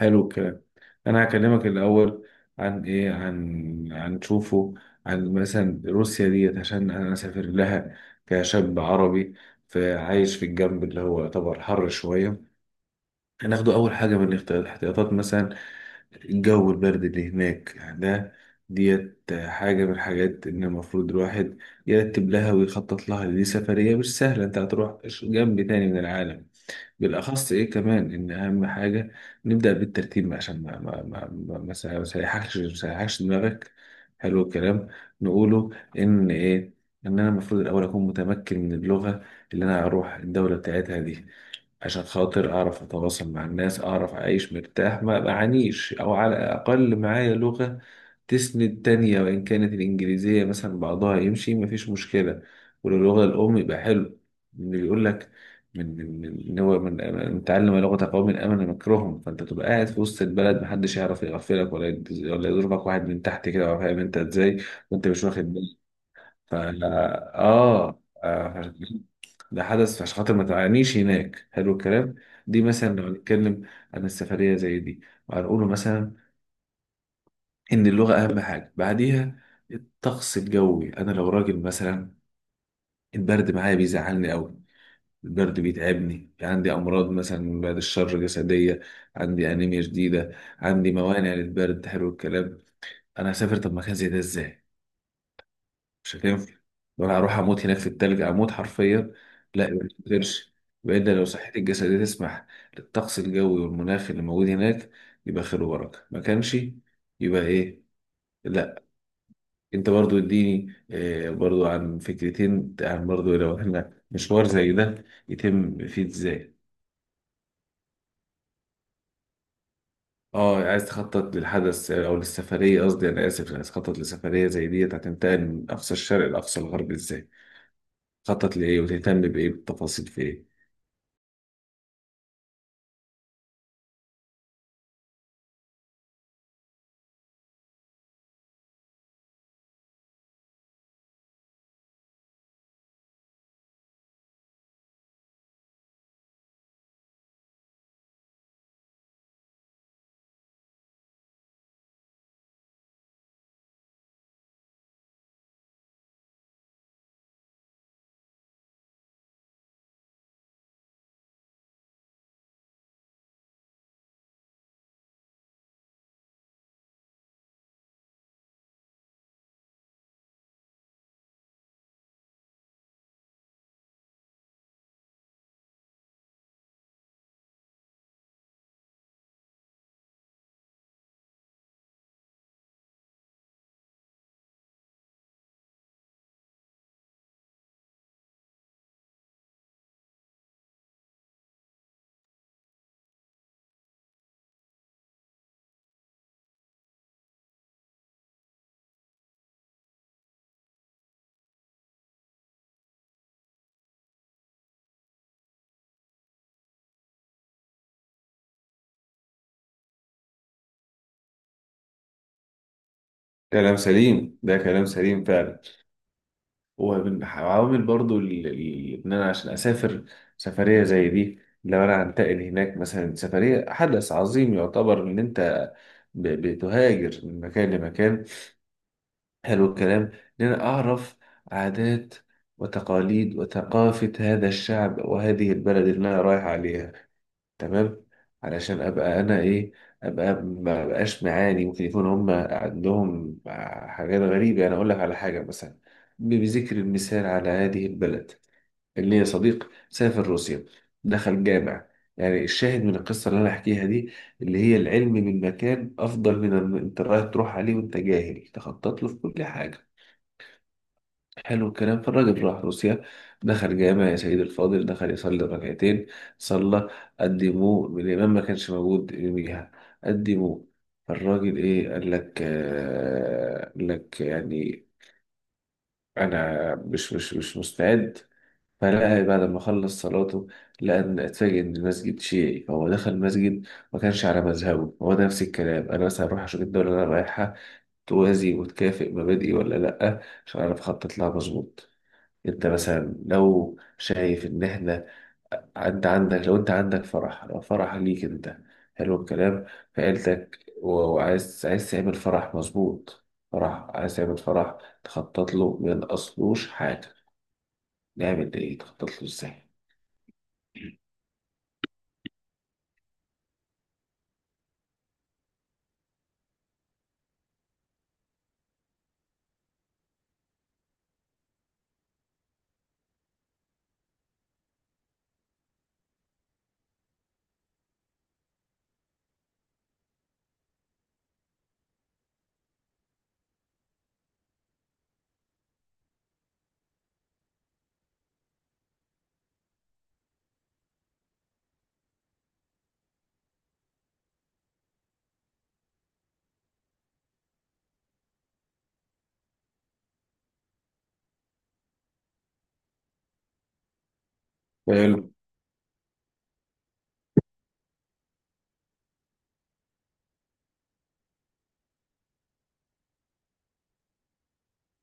حلو الكلام. انا هكلمك الاول عن ايه، عن تشوفه، عن مثلا روسيا ديت عشان انا اسافر لها كشاب عربي، فعايش في الجنب اللي هو يعتبر حر شويه. هناخده اول حاجه من الاحتياطات، مثلا الجو البرد اللي هناك. يعني ده ديت حاجة من الحاجات إن المفروض الواحد يرتب لها ويخطط لها، لأن دي سفرية مش سهلة، أنت هتروح جنب تاني من العالم. بالاخص ايه كمان، ان اهم حاجه نبدا بالترتيب عشان ما ما ما ما ما ما سيحكش دماغك. حلو الكلام. نقوله ان ايه، ان انا المفروض الاول اكون متمكن من اللغه اللي انا هروح الدوله بتاعتها دي، عشان خاطر أعرف أتواصل مع الناس، أعرف أعيش مرتاح ما بعانيش، أو على الأقل معايا لغة تسند تانية، وإن كانت الإنجليزية مثلا بعضها يمشي مفيش مشكلة، واللغة الأم يبقى حلو. اللي بيقول لك من إن هو من تعلم لغة قوم أمن مكرهم، فأنت تبقى قاعد في وسط البلد محدش يعرف يغفلك، ولا ولا يضربك واحد من تحت كده ولا فاهم أنت إزاي وأنت مش واخد بالك. ف اه آه، ده حدث عشان خاطر ما تعانيش هناك. حلو الكلام. دي مثلا لو هنتكلم عن السفرية زي دي، وهنقوله مثلا إن اللغة أهم حاجة. بعديها الطقس الجوي. أنا لو راجل مثلا، البرد معايا بيزعلني أوي، البرد بيتعبني، عندي أمراض مثلا بعد الشر جسدية، عندي أنيميا شديدة، عندي موانع للبرد. حلو الكلام. أنا هسافر طب مكان زي ده إزاي؟ مش هتنفع، ولا هروح اموت هناك في التلج اموت حرفيا. لا ما تقدرش، بعيدا لو صحتي الجسدية تسمح للطقس الجوي والمناخ اللي موجود هناك يبقى خير وبركة، ما كانش يبقى ايه؟ لا، انت برضو اديني برضو عن فكرتين، عن برضو لو احنا مشوار زي ده يتم فيه ازاي. اه عايز تخطط للحدث او للسفرية، قصدي انا اسف، عايز تخطط لسفرية زي ديت هتنتقل من اقصى الشرق لاقصى الغرب ازاي؟ تخطط لايه وتهتم بايه؟ بالتفاصيل في ايه؟ كلام سليم، ده كلام سليم فعلا. وعوامل برضو ان انا عشان اسافر سفريه زي دي، لو انا هنتقل هناك مثلا، سفريه حدث عظيم يعتبر ان انت بتهاجر من مكان لمكان. حلو الكلام. ان انا اعرف عادات وتقاليد وثقافه هذا الشعب وهذه البلد اللي انا رايح عليها. تمام. علشان ابقى انا ايه، ابقى ما بقاش معاني ممكن يكون هم عندهم حاجات غريبه. يعني اقول لك على حاجه، مثلا بذكر المثال على هذه البلد اللي هي صديق سافر روسيا دخل جامع. يعني الشاهد من القصه اللي انا احكيها دي، اللي هي العلم من مكان افضل من ان انت رايح تروح عليه وانت جاهل تخطط له في كل حاجه. حلو الكلام. فالراجل راح روسيا، دخل جامع يا سيد الفاضل، دخل يصلي ركعتين، صلى. قدموه، الإمام ما كانش موجود يوميها، قدموه. فالراجل إيه، قال لك يعني أنا مش مستعد. فلقى بعد ما خلص صلاته، لقى إن اتفاجئ إن المسجد شيعي، فهو دخل مسجد ما كانش على مذهبه هو. ده نفس الكلام. أنا مثلا هروح أشوف الدولة اللي أنا رايحها توازي وتكافئ مبادئي ولا لأ، عشان أعرف أخطط لها مظبوط. انت مثلا لو شايف ان احنا، انت عندك، لو انت عندك فرح، لو فرح ليك انت، حلو الكلام، في عيلتك وعايز تعمل فرح، مظبوط، فرح عايز تعمل فرح، تخطط له من اصلوش حاجة، نعمل ايه؟ تخطط له ازاي؟ حلو.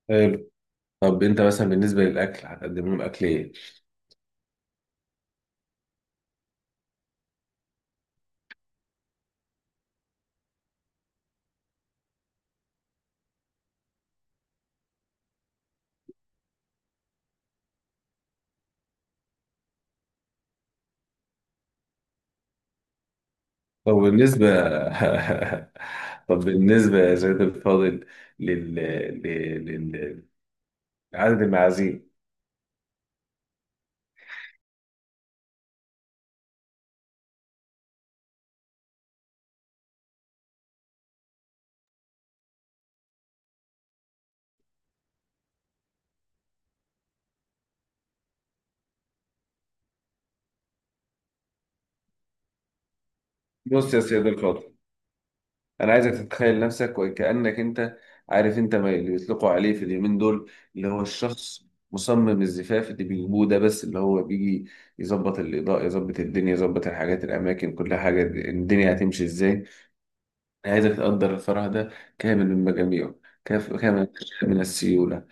حلو. طب انت مثلا بالنسبة للأكل هتقدم لهم أكل ايه؟ طب بالنسبة طب بالنسبة يا سيد الفاضل لل... لل... لل... عدد المعازيم. بص يا سيد الفاضل، انا عايزك تتخيل نفسك وكأنك انت عارف انت، ما اللي بيطلقوا عليه في اليومين دول، اللي هو الشخص مصمم الزفاف اللي بيجيبوه ده، بس اللي هو بيجي يظبط الإضاءة، يظبط الدنيا، يظبط الحاجات الأماكن كل حاجة، الدنيا هتمشي إزاي. أنا عايزك تقدر الفرح ده كامل من مجاميعه، كامل من السيولة.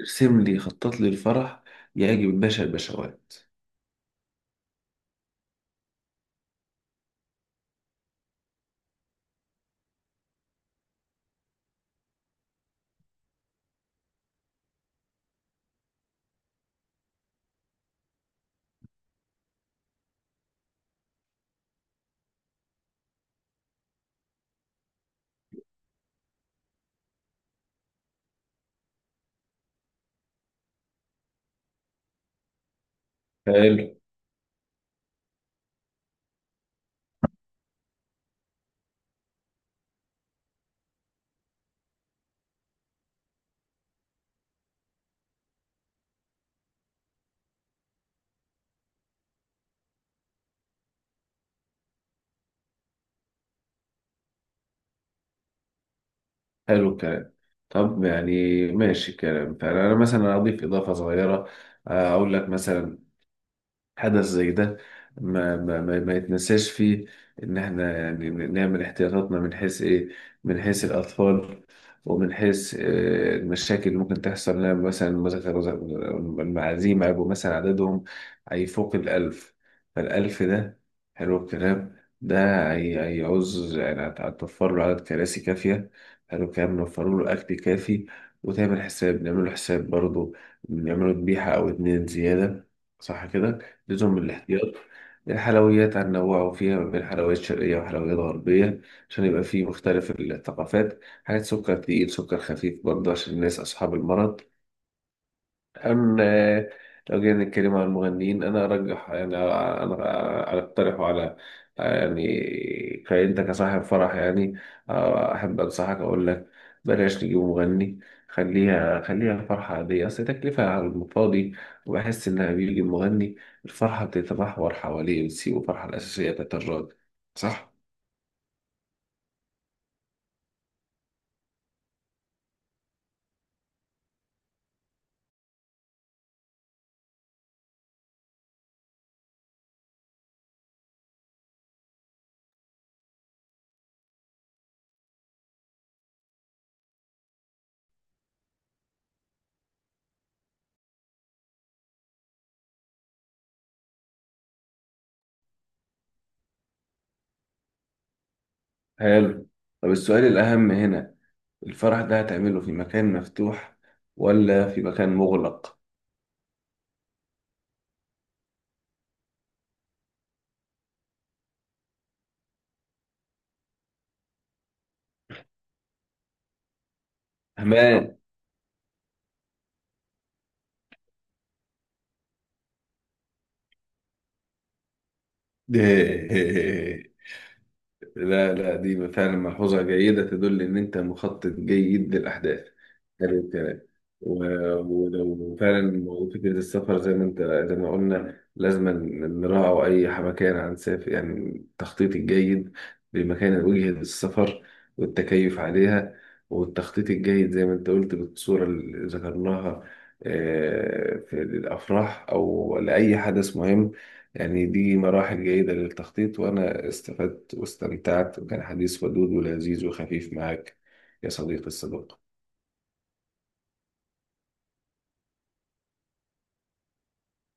ارسم لي، خطط لي الفرح يعجب الباشا البشوات. حلو. حلو الكلام. طب يعني ماشي الكلام. فأنا مثلا أضيف إضافة صغيرة، أقول لك مثلا حدث زي ده ما يتنساش فيه، ان احنا يعني نعمل احتياطاتنا من حيث ايه، من حيث الاطفال، ومن حيث المشاكل اللي ممكن تحصل لنا. مثلا المعازيم هيبقوا مثلا عددهم هيفوق الألف. فالألف ده، حلو الكلام ده، هيعوز يعني هتوفر له عدد كراسي كافية، حلو الكلام، نوفر له أكل كافي، وتعمل حساب، نعمل له حساب برضه، نعمله ذبيحة أو اتنين زيادة. صح كده؟ لزوم الاحتياط. الحلويات عن نوعوا فيها ما بين حلويات شرقية وحلويات غربية عشان يبقى فيه مختلف الثقافات، حاجات سكر تقيل، سكر خفيف برضه عشان الناس أصحاب المرض. أم آه، لو جينا نتكلم عن المغنيين، أنا أرجح يعني، أنا أقترحه على، يعني كأنت كصاحب فرح يعني، أحب أنصحك أقول لك بلاش تجيب مغني. خليها خليها فرحة عادية، أصل تكلفة على المفاضي، وبحس إنها بيجي المغني الفرحة بتتمحور حواليه، بتسيب الفرحة الأساسية بتاعت الراجل. صح؟ حلو. طب السؤال الأهم هنا، الفرح ده هتعمله في مكان مفتوح ولا في مكان مغلق؟ أمان. لا. لا، دي فعلا ملحوظة جيدة تدل إن أنت مخطط جيد للأحداث. حلو الكلام و- ولو فعلا موضوع فكرة السفر، زي ما قلنا لازم نراعي أي مكان هنسافر، يعني التخطيط الجيد لمكان وجهة السفر والتكيف عليها، والتخطيط الجيد زي ما أنت قلت بالصورة اللي ذكرناها، في الأفراح أو لأي حدث مهم. يعني دي مراحل جيدة للتخطيط، وأنا استفدت واستمتعت، وكان حديث ودود ولذيذ وخفيف معك يا صديقي الصدوق.